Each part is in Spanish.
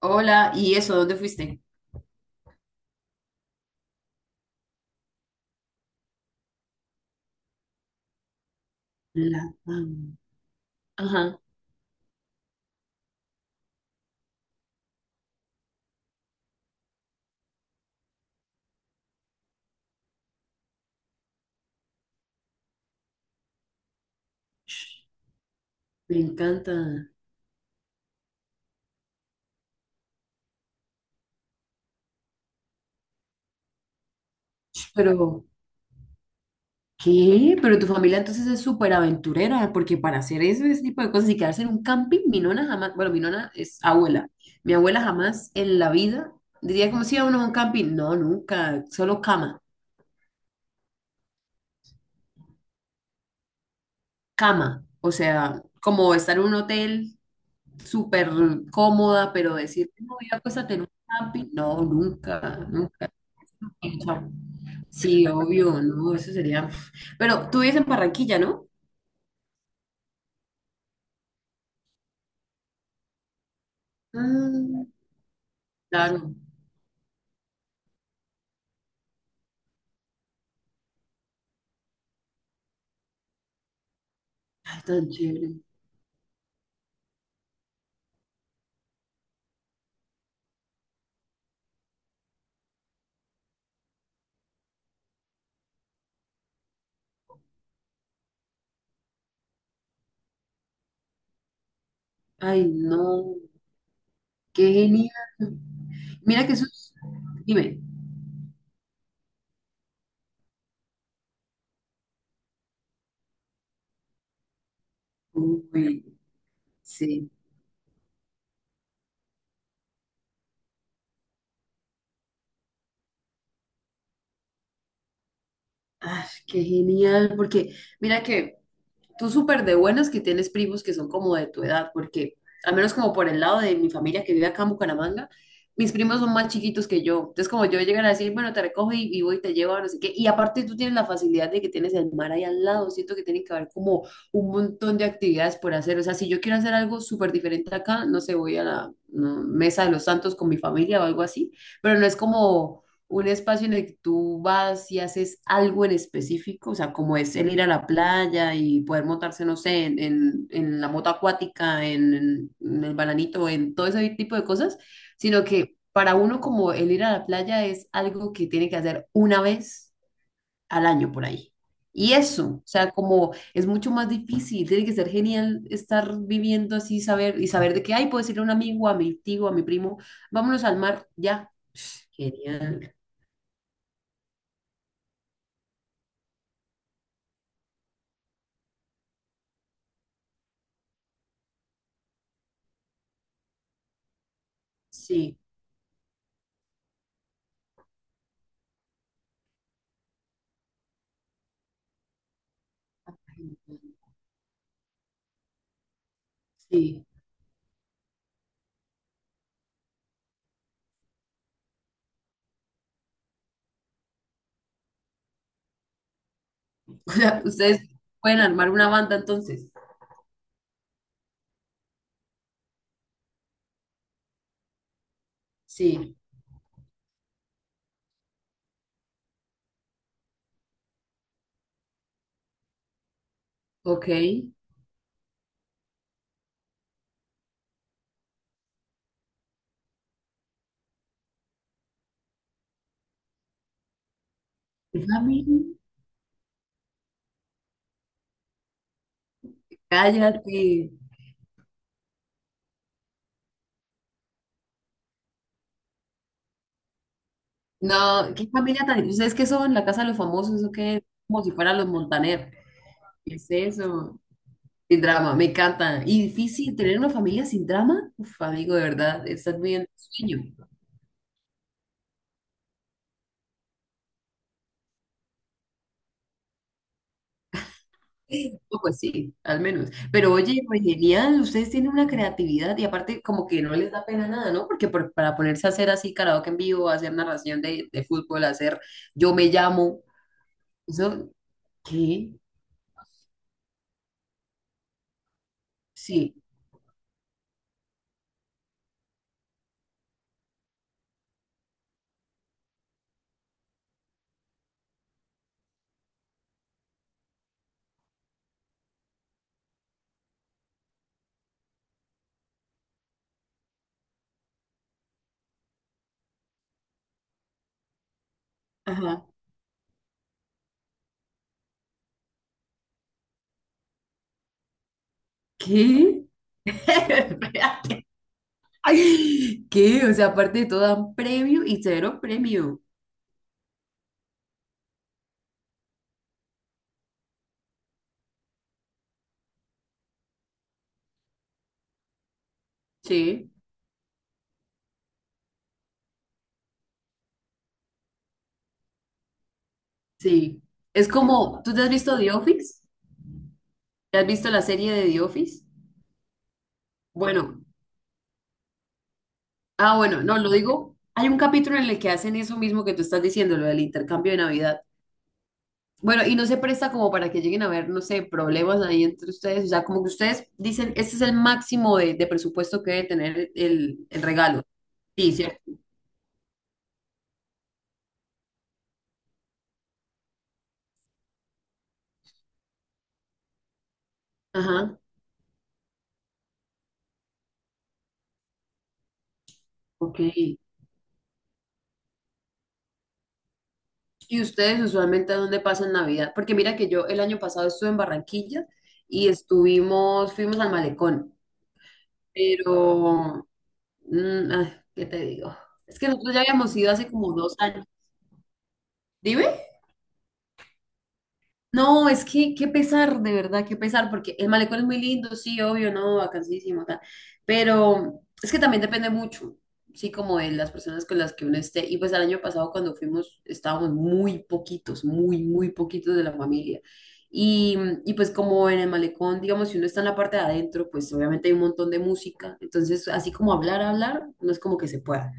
Hola, ¿y eso? ¿Dónde fuiste? La Pam. Ajá. Sh, me encanta. Sh, pero, ¿qué? Pero tu familia entonces es súper aventurera, porque para hacer ese tipo de cosas y quedarse en un camping, mi nona jamás, bueno, mi nona es abuela. Mi abuela jamás en la vida diría como si iba uno a un camping. No, nunca, solo cama, cama. O sea, como estar en un hotel súper cómoda, pero decir, no, voy a acostarte en un camping. No, nunca, nunca. Chao. Sí, obvio, no, eso sería. Pero tú vives en Barranquilla, ¿no? Ah, claro. Ay, tan chévere. Ay, no, qué genial. Mira que eso es... Dime. Uy, sí. Ay, qué genial, porque mira que tú súper de buenas que tienes primos que son como de tu edad, porque al menos como por el lado de mi familia que vive acá en Bucaramanga, mis primos son más chiquitos que yo. Entonces como yo llegan a decir, bueno, te recojo y voy y te llevo, no sé qué. Y aparte tú tienes la facilidad de que tienes el mar ahí al lado. Siento que tiene que haber como un montón de actividades por hacer. O sea, si yo quiero hacer algo súper diferente acá, no sé, voy a la no, Mesa de los Santos con mi familia o algo así, pero no es como un espacio en el que tú vas y haces algo en específico, o sea, como es el ir a la playa y poder montarse, no sé, en la moto acuática, en el bananito, en todo ese tipo de cosas, sino que para uno como el ir a la playa es algo que tiene que hacer una vez al año por ahí. Y eso, o sea, como es mucho más difícil, tiene que ser genial estar viviendo así, saber y saber de qué hay, puedo decirle a un amigo, a mi tío, a mi primo, vámonos al mar, ya. Genial. Sí, sí. O sea, ustedes pueden armar una banda entonces. Sí, ok. ¿Qué familia? Cállate. No, ¿qué familia tan...? ¿Ustedes qué son? ¿La casa de los famosos, eso qué es? Como si fueran los Montaner. ¿Qué es eso? Sin drama, me encanta. Y difícil tener una familia sin drama. Uf, amigo, de verdad, estás viviendo un sueño. No, pues sí, al menos. Pero oye, pues genial, ustedes tienen una creatividad y aparte como que no les da pena nada, ¿no? Porque por- para ponerse a hacer así karaoke en vivo, hacer narración de fútbol, hacer yo me llamo, eso, ¿qué? Sí, ajá, ¿qué? Espérate. ¿Qué? O sea, aparte de todo dan premio y cero premio. Sí, sí. Es como, ¿tú te has visto The Office? ¿Te has visto la serie de The Office? Bueno. Ah, bueno, no, lo digo. Hay un capítulo en el que hacen eso mismo que tú estás diciendo, lo del intercambio de Navidad. Bueno, y no se presta como para que lleguen a haber, no sé, problemas ahí entre ustedes. O sea, como que ustedes dicen, este es el máximo de presupuesto que debe tener el regalo. Sí, ¿cierto? Ajá, ok. ¿Y ustedes usualmente a dónde pasan Navidad? Porque mira que yo el año pasado estuve en Barranquilla y estuvimos, fuimos al Malecón. Pero, mm, ay, ¿qué te digo? Es que nosotros ya habíamos ido hace como dos años. Dime. No, es que qué pesar, de verdad, qué pesar, porque el malecón es muy lindo, sí, obvio, no, vacancísimo, tal. Pero es que también depende mucho, sí, como de las personas con las que uno esté. Y pues el año pasado cuando fuimos estábamos muy poquitos, muy, muy poquitos de la familia. Y, y pues como en el malecón, digamos, si uno está en la parte de adentro, pues obviamente hay un montón de música. Entonces, así como hablar, hablar, no es como que se pueda.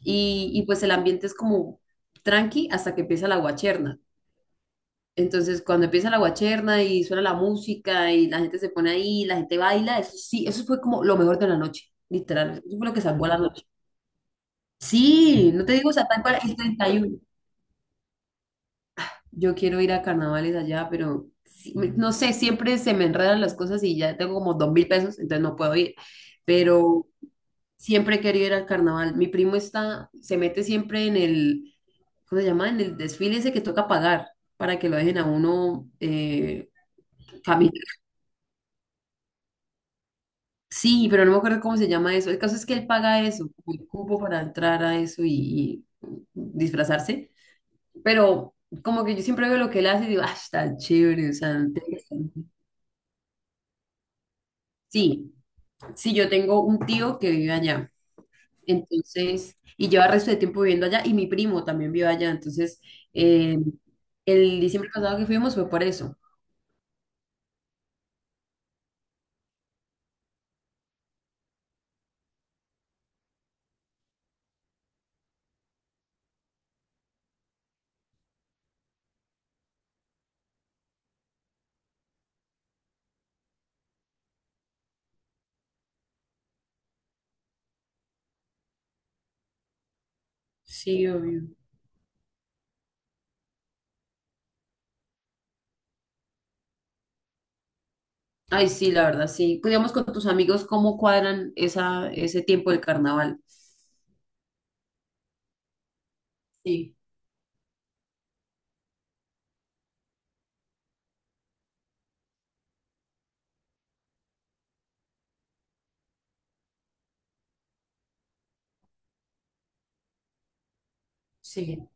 Y pues el ambiente es como tranqui hasta que empieza la guacherna. Entonces, cuando empieza la guacherna y suena la música y la gente se pone ahí, la gente baila, eso sí, eso fue como lo mejor de la noche, literal. Eso fue lo que salvó la noche. Sí, no te digo, o sea, tal cual el 31. Yo quiero ir a carnavales allá, pero sí, me- no sé, siempre se me enredan las cosas y ya tengo como dos mil pesos, entonces no puedo ir. Pero siempre he querido ir al carnaval. Mi primo está, se mete siempre en el, ¿cómo se llama? En el desfile ese que toca pagar para que lo dejen a uno sí, pero no me acuerdo cómo se llama eso. El caso es que él paga eso, como el cupo para entrar a eso y disfrazarse. Pero como que yo siempre veo lo que él hace y digo, ah, está chévere, o sea, interesante. Sí, sí, yo tengo un tío que vive allá, entonces, y lleva el resto de tiempo viviendo allá, y mi primo también vive allá, entonces, eh, el diciembre pasado que fuimos fue por eso. Sí, obvio. Ay, sí, la verdad, sí. Pues, digamos con tus amigos, ¿cómo cuadran esa, ese tiempo del carnaval? Sí, sí.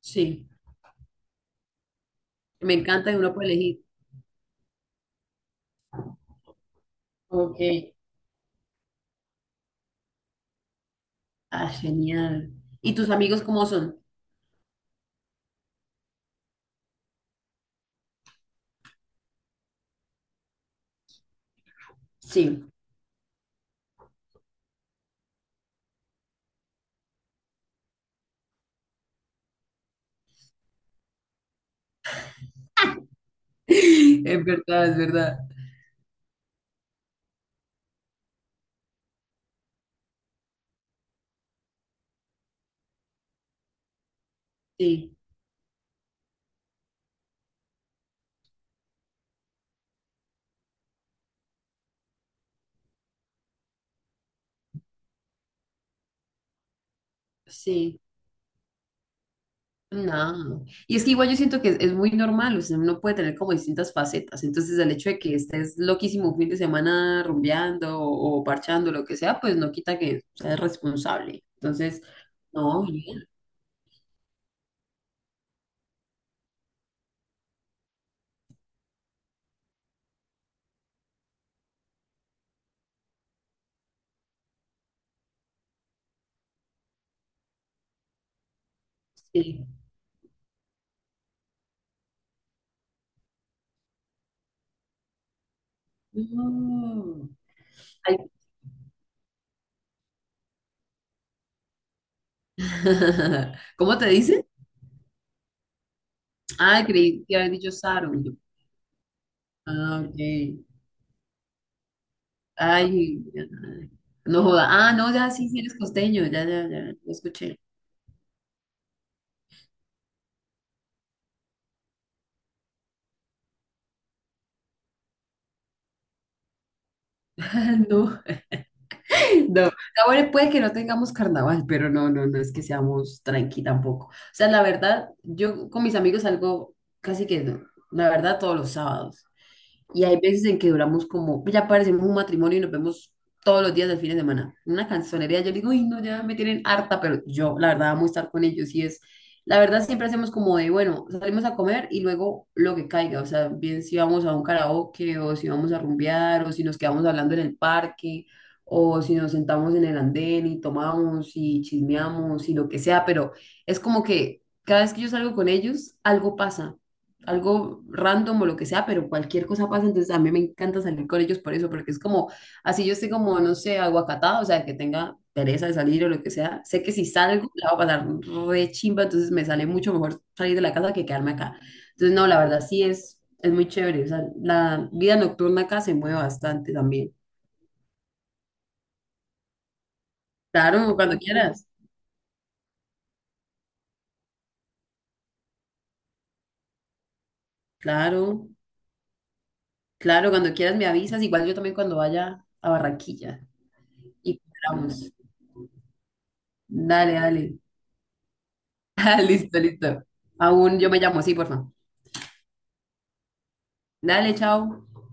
Sí, me encanta y uno puede elegir. Ok, ah, genial. ¿Y tus amigos cómo son? Sí, es verdad, es verdad. Sí, sí, no. Y es que igual yo siento que es muy normal, o sea, uno puede tener como distintas facetas. Entonces, el hecho de que estés loquísimo un fin de semana rumbeando o parchando, lo que sea, pues no quita que seas responsable. Entonces, no, bien, sí. No. Ay, ¿cómo te dice? Ah, creí que habías dicho Saro. Ah, ok. Ay, ya, no joda. Ah, no, ya sí, sí eres costeño, ya, ya, ya, lo escuché. No, no. Ahora puede que no tengamos carnaval, pero no, no, no es que seamos tranqui tampoco. O sea, la verdad, yo con mis amigos salgo casi que, no, la verdad, todos los sábados. Y hay veces en que duramos como, ya parecemos un matrimonio y nos vemos todos los días del fin de semana. Una canzonería, yo digo, uy, no, ya me tienen harta, pero yo, la verdad, amo estar con ellos y es, la verdad, siempre hacemos como de, bueno, salimos a comer y luego lo que caiga, o sea, bien si vamos a un karaoke o si vamos a rumbear o si nos quedamos hablando en el parque o si nos sentamos en el andén y tomamos y chismeamos y lo que sea, pero es como que cada vez que yo salgo con ellos, algo pasa algo random o lo que sea, pero cualquier cosa pasa, entonces a mí me encanta salir con ellos por eso, porque es como, así yo estoy como, no sé, aguacatada, o sea, que tenga pereza de salir o lo que sea, sé que si salgo la va a pasar re chimba, entonces me sale mucho mejor salir de la casa que quedarme acá. Entonces, no, la verdad sí es muy chévere, o sea, la vida nocturna acá se mueve bastante también. Claro, cuando quieras, claro, claro, cuando quieras. Listo, listo. Aún yo me llamo, sí, por favor. Dale, chao.